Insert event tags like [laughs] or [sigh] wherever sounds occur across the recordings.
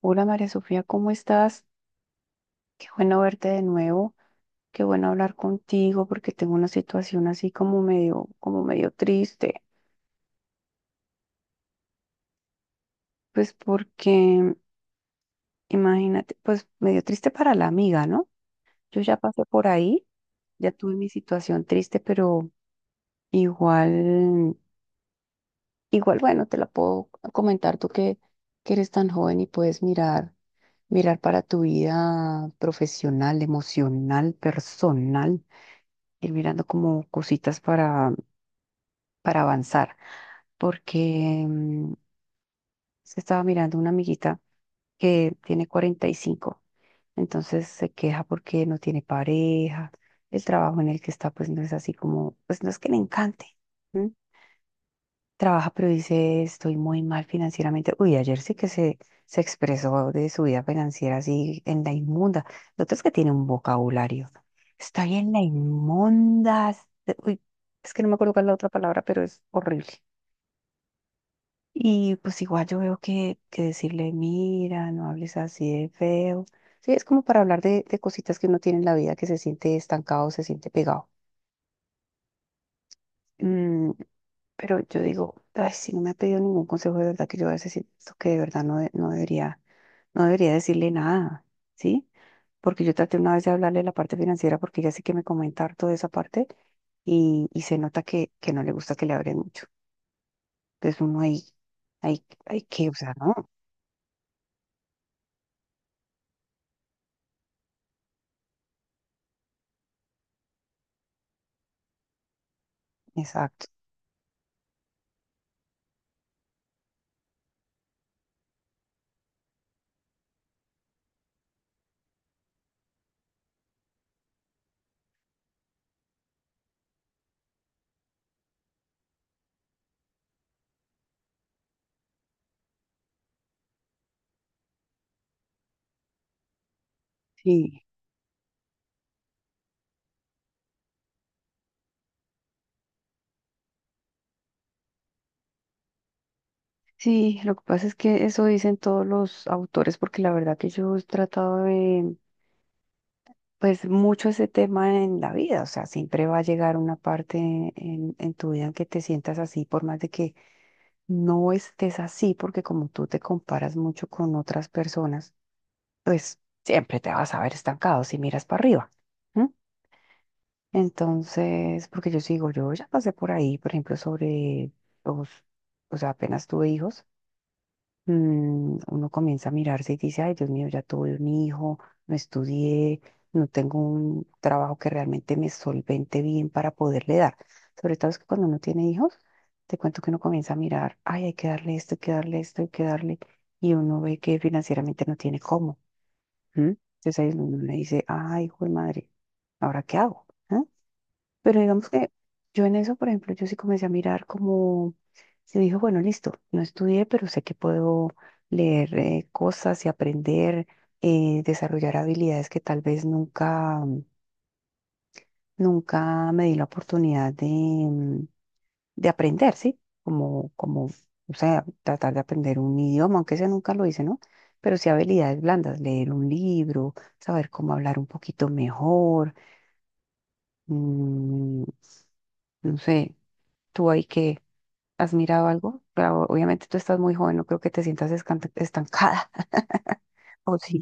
Hola María Sofía, ¿cómo estás? Qué bueno verte de nuevo, qué bueno hablar contigo porque tengo una situación así como medio triste, pues porque imagínate, pues medio triste para la amiga, ¿no? Yo ya pasé por ahí, ya tuve mi situación triste, pero igual Igual, bueno, te la puedo comentar tú que eres tan joven y puedes mirar para tu vida profesional, emocional, personal, ir mirando como cositas para avanzar. Porque se estaba mirando una amiguita que tiene 45, entonces se queja porque no tiene pareja, el trabajo en el que está pues no es así como, pues no es que le encante. ¿Sí? Trabaja, pero dice, estoy muy mal financieramente. Uy, ayer sí que se expresó de su vida financiera así en la inmunda. Lo otro es que tiene un vocabulario. Estoy en la inmunda. Uy, es que no me acuerdo cuál es la otra palabra, pero es horrible. Y pues igual yo veo que decirle, mira, no hables así de feo. Sí, es como para hablar de cositas que uno tiene en la vida que se siente estancado, se siente pegado. Mm. Pero yo digo, ay, si no me ha pedido ningún consejo de verdad que yo voy a decir esto que de verdad no, no debería decirle nada, ¿sí? Porque yo traté una vez de hablarle de la parte financiera porque ella sí que me comenta harto de esa parte y se nota que no le gusta que le hablen mucho. Entonces uno ahí que, o sea, no, exacto. Sí, sí, lo que pasa es que eso dicen todos los autores porque la verdad que yo he tratado pues mucho ese tema en la vida, o sea, siempre va a llegar una parte en tu vida en que te sientas así, por más de que no estés así, porque como tú te comparas mucho con otras personas, pues siempre te vas a ver estancado si miras para arriba. ¿M? Entonces, porque yo sigo, yo ya pasé por ahí, por ejemplo, sobre los, o sea, apenas tuve hijos, uno comienza a mirarse y dice, ay, Dios mío, ya tuve un hijo, no estudié, no tengo un trabajo que realmente me solvente bien para poderle dar. Sobre todo es que cuando uno tiene hijos, te cuento que uno comienza a mirar, ay, hay que darle esto, hay que darle esto, hay que darle, y uno ve que financieramente no tiene cómo. ¿M? Entonces ahí es donde uno dice, ay, hijo de madre, ¿ahora qué hago? Pero digamos que yo en eso, por ejemplo, yo sí comencé a mirar como, se dijo, bueno, listo, no estudié, pero sé que puedo leer cosas y aprender, desarrollar habilidades que tal vez nunca me di la oportunidad de aprender, ¿sí? Como, o sea, tratar de aprender un idioma, aunque ese nunca lo hice, ¿no? Pero sí habilidades blandas, leer un libro, saber cómo hablar un poquito mejor, mm, no sé, tú ahí que ¿has mirado algo? Claro, obviamente tú estás muy joven, no creo que te sientas estancada. [laughs] ¿O sí?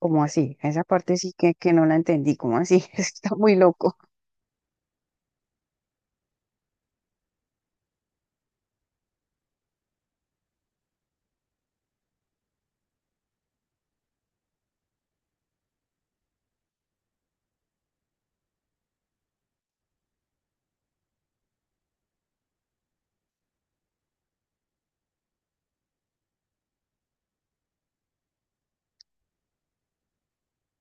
¿Cómo así? Esa parte sí que no la entendí. ¿Cómo así? [laughs] Está muy loco.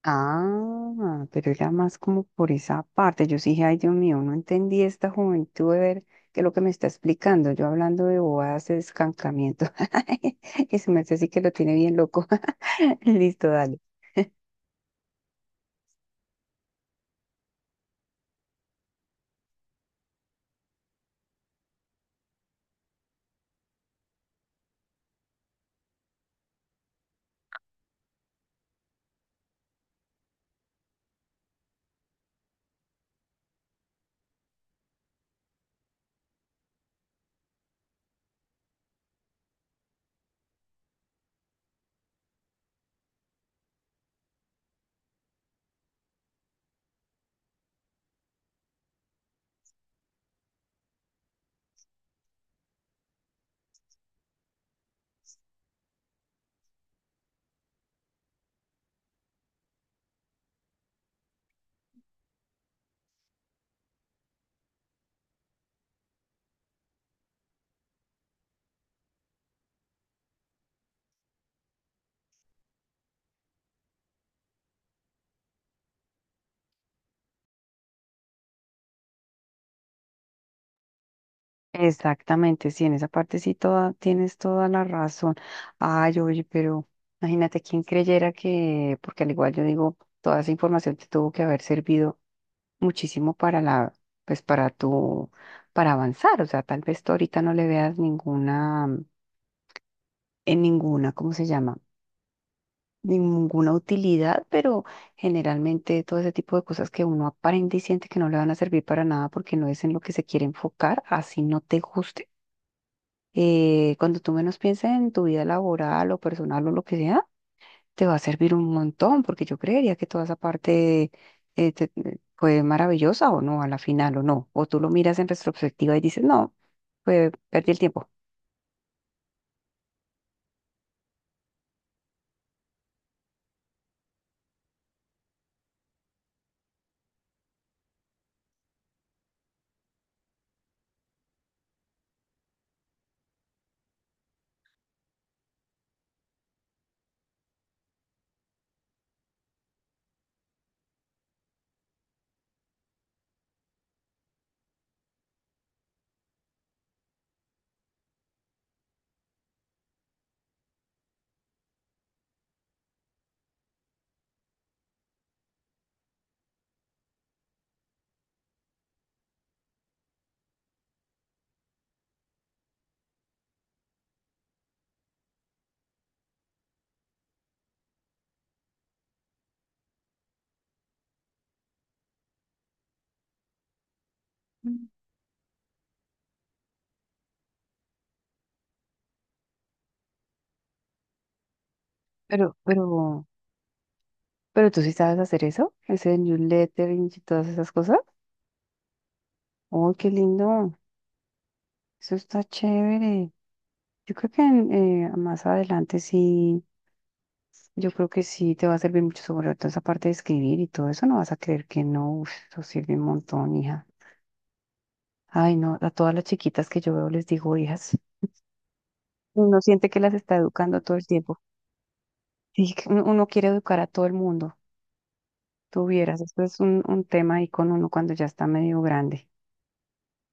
Ah, pero era más como por esa parte. Yo sí dije, ay, Dios mío, no entendí esta juventud de ver qué es lo que me está explicando. Yo hablando de bobadas de escancamiento. [laughs] Ese merced sí [laughs] que lo tiene bien loco. [laughs] Listo, dale. Exactamente, sí, en esa parte sí toda, tienes toda la razón. Ay, oye, pero imagínate quién creyera que, porque al igual yo digo, toda esa información te tuvo que haber servido muchísimo para la, pues para tu, para avanzar. O sea, tal vez tú ahorita no le veas ninguna, en ninguna, ¿cómo se llama? Ninguna utilidad, pero generalmente todo ese tipo de cosas que uno aprende y siente que no le van a servir para nada porque no es en lo que se quiere enfocar, así no te guste, cuando tú menos pienses en tu vida laboral o personal o lo que sea, te va a servir un montón, porque yo creería que toda esa parte fue maravillosa o no, a la final o no. O tú lo miras en retrospectiva y dices, no, pues perdí el tiempo. Mm. Pero, pero, pero tú sí sabes hacer eso, ese newsletter y todas esas cosas. ¡Oh, qué lindo! Eso está chévere. Yo creo que más adelante sí. Yo creo que sí te va a servir mucho sobre todo esa parte de escribir y todo eso. No vas a creer que no. Uf, eso sirve un montón, hija. Ay, no, a todas las chiquitas que yo veo les digo hijas. Uno siente que las está educando todo el tiempo. Y que uno quiere educar a todo el mundo. Tú vieras, esto es un tema ahí con uno cuando ya está medio grande.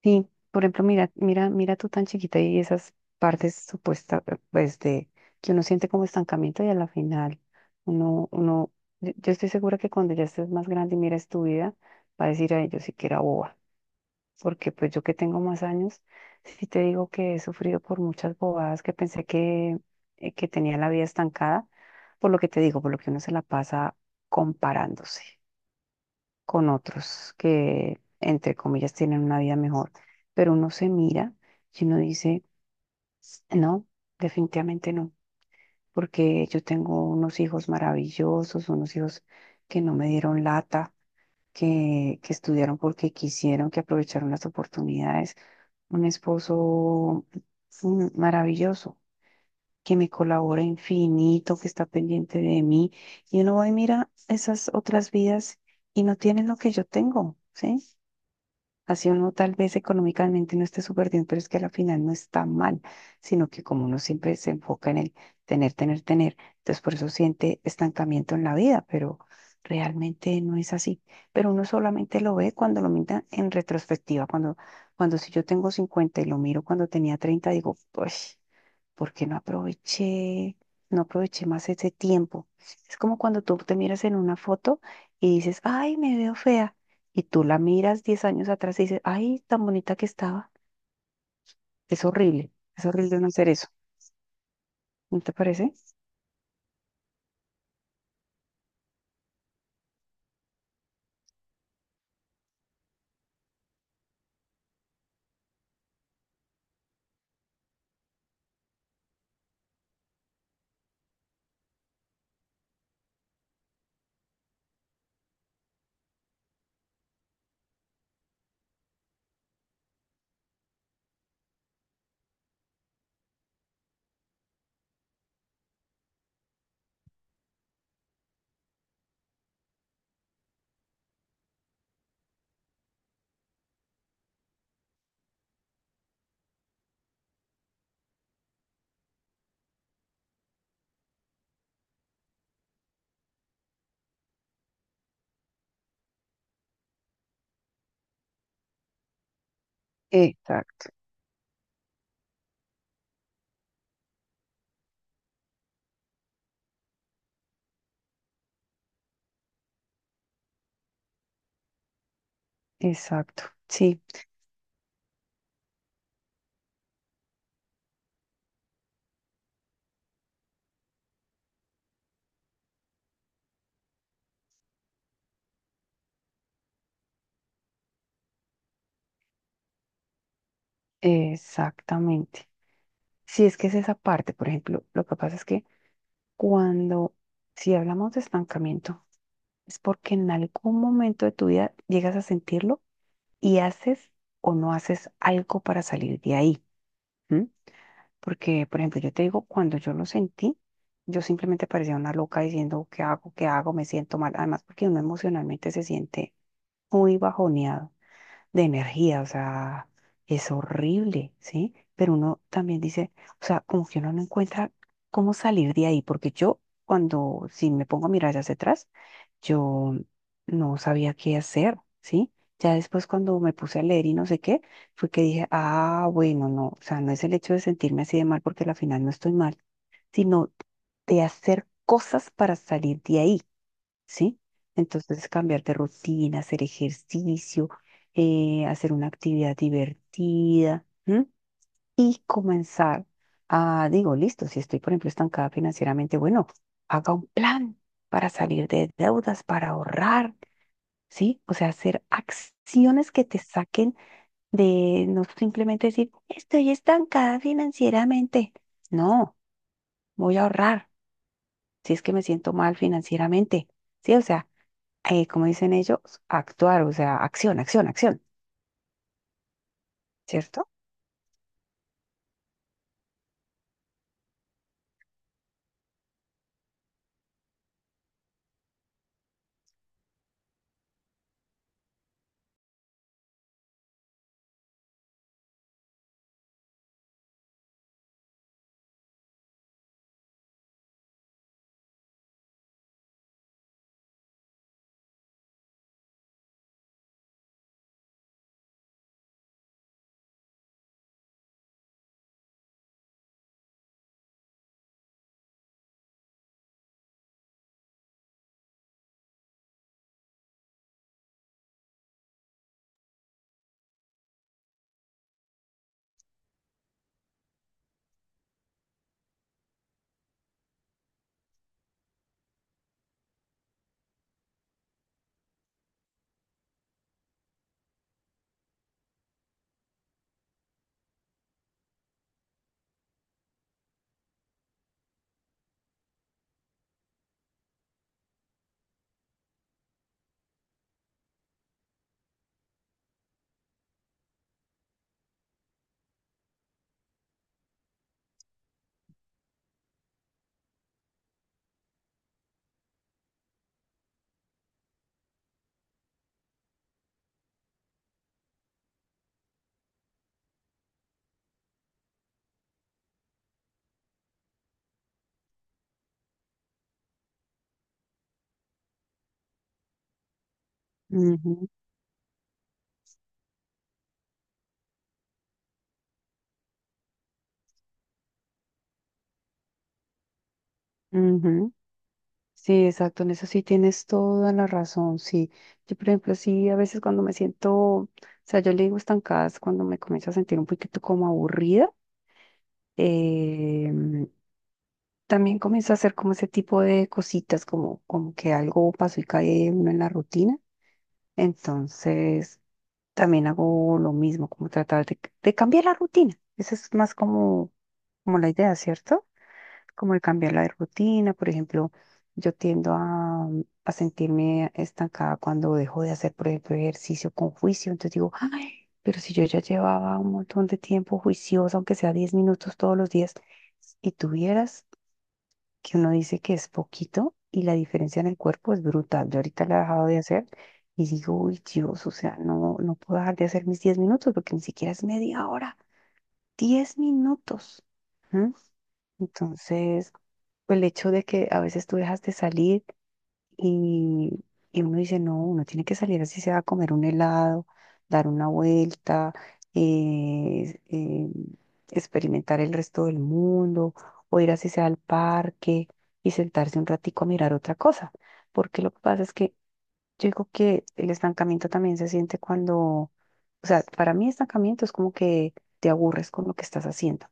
Sí, por ejemplo, mira, mira, mira tú tan chiquita y esas partes supuestas, pues de que uno siente como estancamiento y a la final uno, uno, yo yo estoy segura que cuando ya estés más grande y mires tu vida, va a decir a ellos sí que era boba, porque pues yo que tengo más años, sí te digo que he sufrido por muchas bobadas que pensé que tenía la vida estancada, por lo que te digo, por lo que uno se la pasa comparándose con otros que, entre comillas, tienen una vida mejor. Pero uno se mira y uno dice, no, definitivamente no, porque yo tengo unos hijos maravillosos, unos hijos que no me dieron lata, que estudiaron porque quisieron, que aprovecharon las oportunidades, un esposo maravilloso, que me colabora infinito, que está pendiente de mí. Y uno va y mira esas otras vidas y no tienen lo que yo tengo, ¿sí? Así uno tal vez económicamente no esté súper bien, pero es que a la final no está mal, sino que como uno siempre se enfoca en el tener, tener, tener, entonces por eso siente estancamiento en la vida, pero realmente no es así. Pero uno solamente lo ve cuando lo mira en retrospectiva, cuando, si yo tengo 50 y lo miro cuando tenía 30, digo, pues porque no aproveché más ese tiempo. Es como cuando tú te miras en una foto y dices, ay, me veo fea. Y tú la miras 10 años atrás y dices, ay, tan bonita que estaba. Es horrible no hacer eso. ¿No te parece? Exacto, exacto. Sí, exactamente. Sí, es que es esa parte, por ejemplo, lo que pasa es que cuando, si hablamos de estancamiento, es porque en algún momento de tu vida llegas a sentirlo y haces o no haces algo para salir de ahí. ¿M? Porque, por ejemplo, yo te digo, cuando yo lo sentí, yo simplemente parecía una loca diciendo, ¿qué hago? ¿Qué hago? Me siento mal. Además, porque uno emocionalmente se siente muy bajoneado de energía, o sea, es horrible, ¿sí? Pero uno también dice, o sea, como que uno no encuentra cómo salir de ahí, porque yo cuando, si me pongo a mirar hacia atrás, yo no sabía qué hacer, ¿sí? Ya después cuando me puse a leer y no sé qué, fue que dije, ah, bueno, no, o sea, no es el hecho de sentirme así de mal porque al final no estoy mal, sino de hacer cosas para salir de ahí. ¿Sí? Entonces, cambiar de rutina, hacer ejercicio, hacer una actividad divertida, ¿m? Y comenzar a, digo, listo, si estoy, por ejemplo, estancada financieramente, bueno, haga un plan para salir de deudas, para ahorrar, ¿sí? O sea, hacer acciones que te saquen de no simplemente decir, estoy estancada financieramente. No, voy a ahorrar si es que me siento mal financieramente, ¿sí? O sea, como dicen ellos, actuar, o sea, acción, acción, acción, ¿cierto? Ujú, ujú. Sí, exacto, en eso sí tienes toda la razón, sí. Yo, por ejemplo, sí, a veces cuando me siento, o sea, yo le digo estancadas cuando me comienzo a sentir un poquito como aburrida, em, también comienzo a hacer como ese tipo de cositas, como, como que algo pasó y cae uno en la rutina. Entonces, también hago lo mismo, como tratar de cambiar la rutina. Esa es más como la idea, ¿cierto? Como el cambiar la rutina, por ejemplo, yo tiendo a sentirme estancada cuando dejo de hacer, por ejemplo, ejercicio con juicio, entonces digo, ay, pero si yo ya llevaba un montón de tiempo juiciosa, aunque sea 10 minutos todos los días, y tuvieras que uno dice que es poquito y la diferencia en el cuerpo es brutal, yo ahorita la he dejado de hacer. Y digo, uy, Dios, o sea, no, no puedo dejar de hacer mis 10 minutos porque ni siquiera es media hora. 10 minutos. Entonces, pues el hecho de que a veces tú dejas de salir y, y uno dice, no, uno tiene que salir así sea a comer un helado, dar una vuelta, eh, eh, experimentar el resto del mundo, o ir así sea al parque y sentarse un ratico a mirar otra cosa. Porque lo que pasa es que yo digo que el estancamiento también se siente cuando, o sea, para mí estancamiento es como que te aburres con lo que estás haciendo.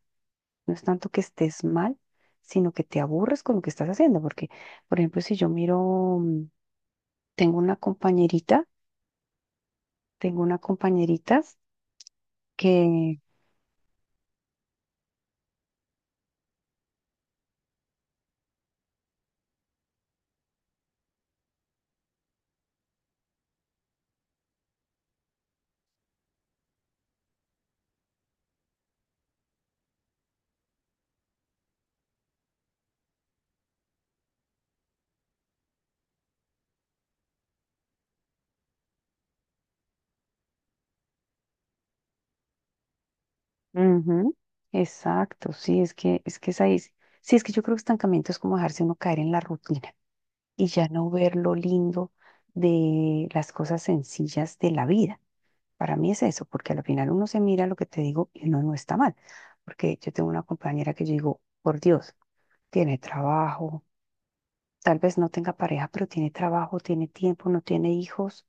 No es tanto que estés mal, sino que te aburres con lo que estás haciendo. Porque, por ejemplo, si yo miro, tengo una compañerita, tengo una compañerita que... Ujú, exacto, sí, es que es ahí. Sí, sí, es que yo creo que estancamiento es como dejarse uno caer en la rutina y ya no ver lo lindo de las cosas sencillas de la vida. Para mí es eso, porque al final uno se mira lo que te digo y uno no está mal. Porque yo tengo una compañera que yo digo, por Dios, tiene trabajo. Tal vez no tenga pareja, pero tiene trabajo, tiene tiempo, no tiene hijos.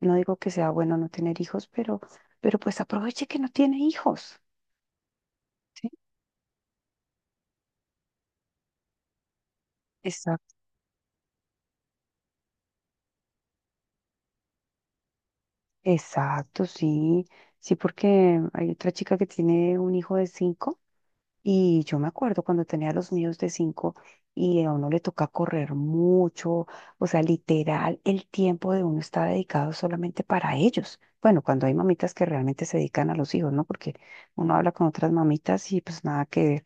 No digo que sea bueno no tener hijos, pero pues aproveche que no tiene hijos. ¿Sí? Exacto. Exacto, sí. Sí, porque hay otra chica que tiene un hijo de cinco. Y yo me acuerdo cuando tenía los míos de cinco y a uno le toca correr mucho, o sea, literal, el tiempo de uno está dedicado solamente para ellos. Bueno, cuando hay mamitas que realmente se dedican a los hijos, ¿no? Porque uno habla con otras mamitas y pues nada que ver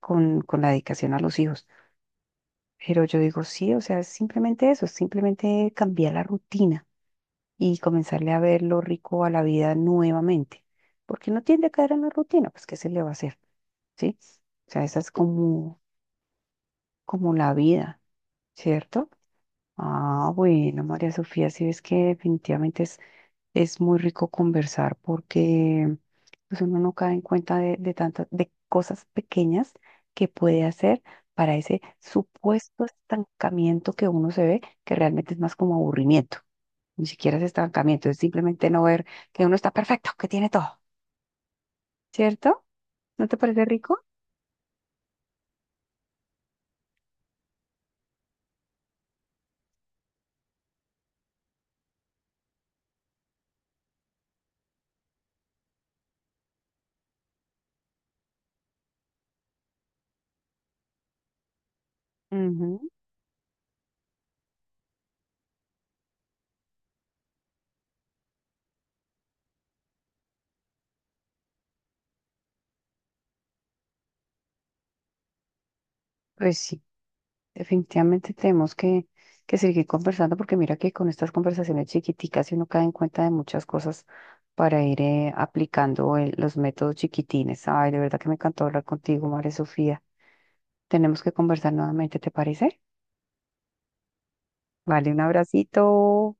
con la dedicación a los hijos. Pero yo digo, sí, o sea, es simplemente eso, es simplemente cambiar la rutina y comenzarle a ver lo rico a la vida nuevamente. Porque no tiende a caer en la rutina, pues ¿qué se le va a hacer? ¿Sí? O sea, esa es como la vida, ¿cierto? Ah, bueno, María Sofía, sí ves que definitivamente es muy rico conversar porque pues uno no cae en cuenta de tantas, de cosas pequeñas que puede hacer para ese supuesto estancamiento que uno se ve, que realmente es más como aburrimiento. Ni siquiera es estancamiento, es simplemente no ver que uno está perfecto, que tiene todo, ¿cierto? ¿No te parece rico? Ujú. Pues sí. Definitivamente tenemos que seguir conversando porque mira que con estas conversaciones chiquiticas si uno cae en cuenta de muchas cosas para ir aplicando los métodos chiquitines. Ay, de verdad que me encantó hablar contigo, María Sofía. Tenemos que conversar nuevamente, ¿te parece? Vale, un abracito.